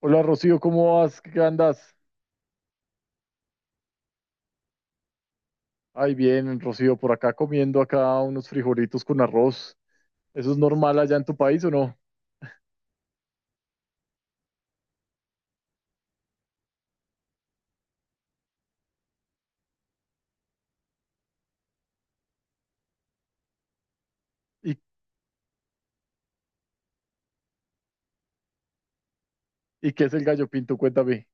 Hola, Rocío, ¿cómo vas? ¿Qué andas? Ay, bien, Rocío, por acá comiendo acá unos frijolitos con arroz. ¿Eso es normal allá en tu país o no? ¿Y, y qué es el gallo pinto? Cuéntame.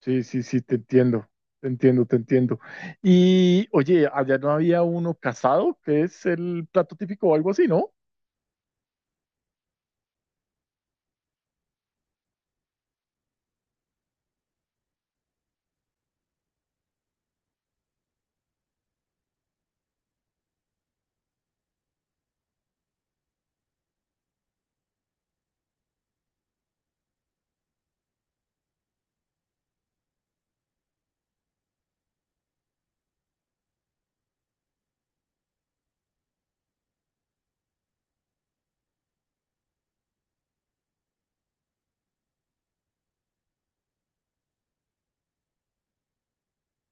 Sí, sí, sí, te entiendo, te entiendo, te entiendo. Y oye, allá no había uno casado, que es el plato típico o algo así, ¿no?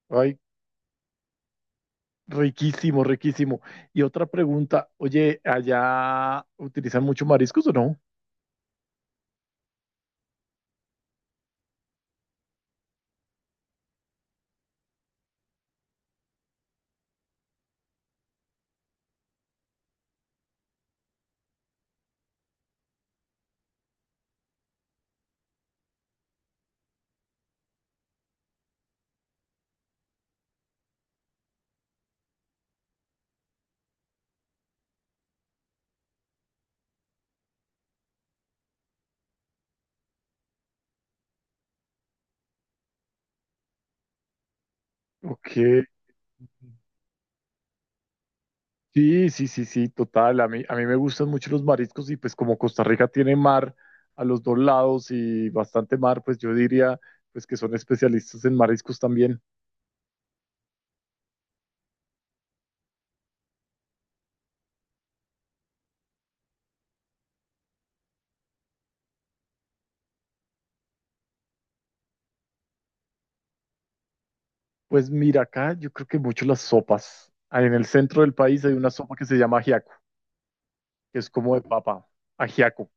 Ay, riquísimo, riquísimo. Y otra pregunta, oye, ¿allá utilizan mucho mariscos o no? Ok. Sí, sí, sí, sí, total. A mí me gustan mucho los mariscos y pues como Costa Rica tiene mar a los dos lados y bastante mar, pues yo diría pues que son especialistas en mariscos también. Pues mira, acá yo creo que mucho las sopas. Ah, en el centro del país hay una sopa que se llama ajiaco, que es como de papa, ajiaco.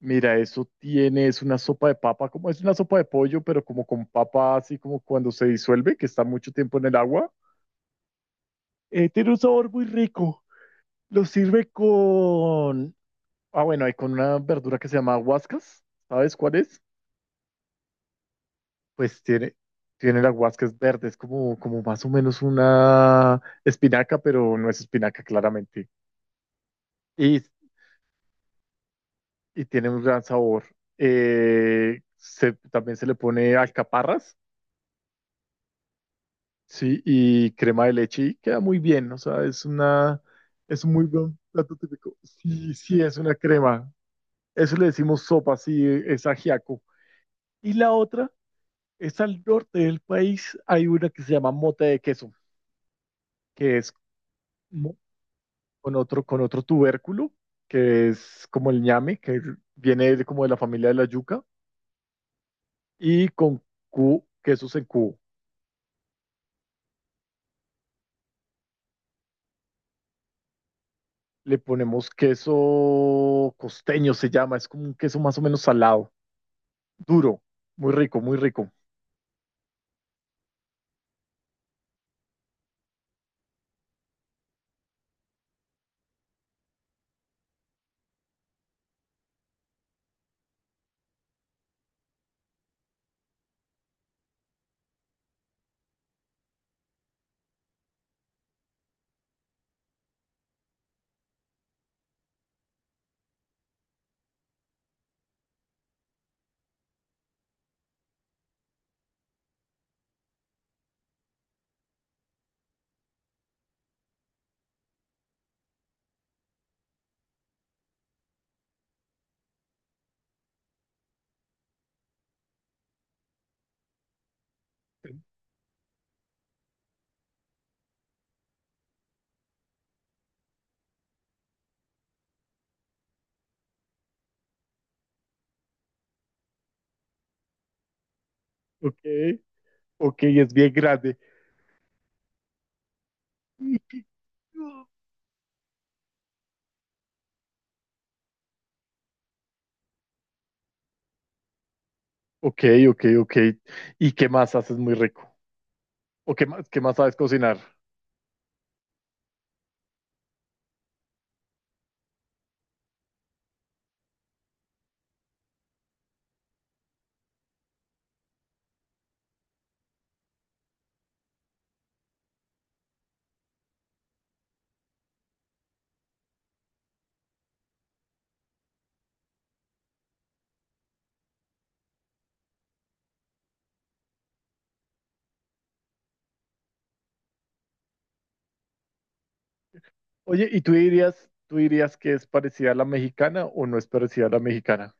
Mira, eso tiene, es una sopa de papa, como es una sopa de pollo, pero como con papa, así como cuando se disuelve, que está mucho tiempo en el agua. Tiene un sabor muy rico. Lo sirve con… Ah, bueno, hay con una verdura que se llama huascas. ¿Sabes cuál es? Pues tiene, tiene la huascas verde. Es como, como más o menos una espinaca, pero no es espinaca claramente. Y, y tiene un gran sabor. También se le pone alcaparras, sí, y crema de leche y queda muy bien. Es un muy buen plato típico. Sí, sí, es una crema. Eso le decimos sopa, sí, es ajiaco. Y la otra… Es al norte del país, hay una que se llama mote de queso, que es mo- con otro tubérculo, que es como el ñame, que viene como de la familia de la yuca, y con quesos en cubo. Le ponemos queso costeño, se llama, es como un queso más o menos salado, duro, muy rico, muy rico. Ok, ok, es bien grande. Y que- Ok, ok, ok. ¿Y qué más haces muy rico? ¿O qué más sabes cocinar? Oye, ¿y tú dirías que es parecida a la mexicana o no es parecida a la mexicana?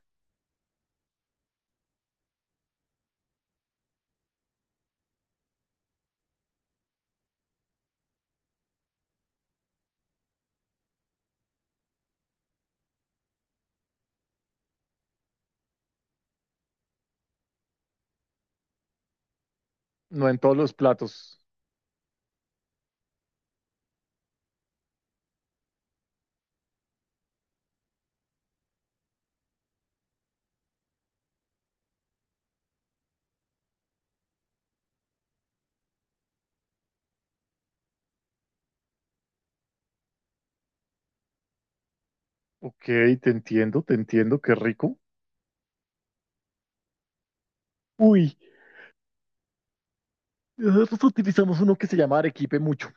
No en todos los platos. Ok, te entiendo, qué rico. Uy, nosotros utilizamos uno que se llama arequipe mucho.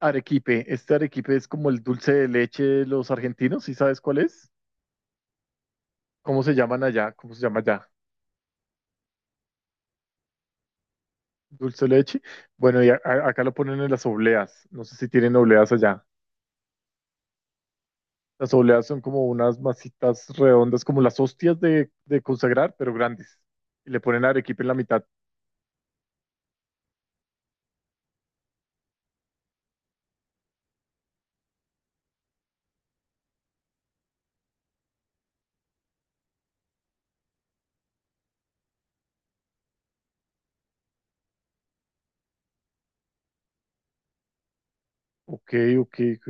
Arequipe, este arequipe es como el dulce de leche de los argentinos, ¿sí sabes cuál es? ¿Cómo se llaman allá? ¿Cómo se llama allá? Dulce de leche. Bueno, y acá lo ponen en las obleas. No sé si tienen obleas allá. Las obleas son como unas masitas redondas, como las hostias de consagrar, pero grandes. Y le ponen arequipe en la mitad. Ok, ok, ok.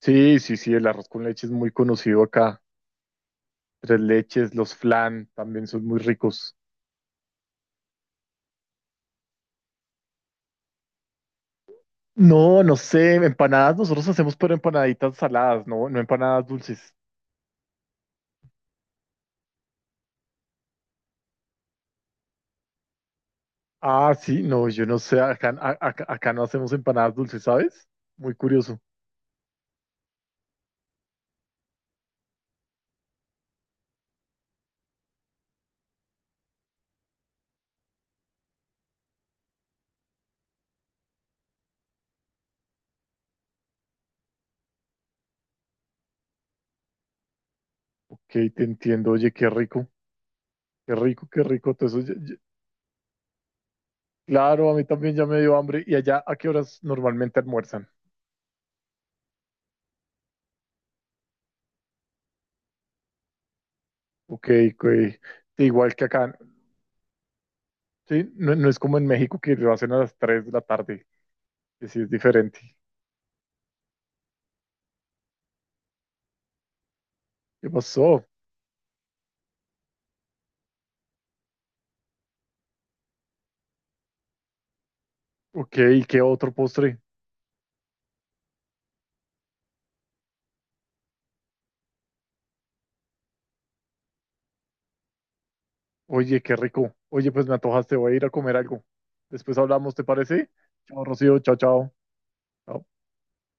Sí, sí, sí, el arroz con leche es muy conocido acá. Tres leches, los flan también son muy ricos. No, no sé, empanadas nosotros hacemos, pero empanaditas saladas, no, no empanadas dulces. Ah, sí, no, yo no sé, acá, acá no hacemos empanadas dulces, ¿sabes? Muy curioso. Ok, te entiendo, oye, qué rico, qué rico, qué rico. Todo eso… Claro, a mí también ya me dio hambre. ¿Y allá a qué horas normalmente almuerzan? Ok, ok. Igual que acá. Sí, no, no es como en México que lo hacen a las 3 de la tarde, que sí es diferente. ¿Qué pasó? Ok, ¿y qué otro postre? Oye, qué rico. Oye, pues me antojaste, voy a ir a comer algo. Después hablamos, ¿te parece? Chao, Rocío, chao, chao. Chao.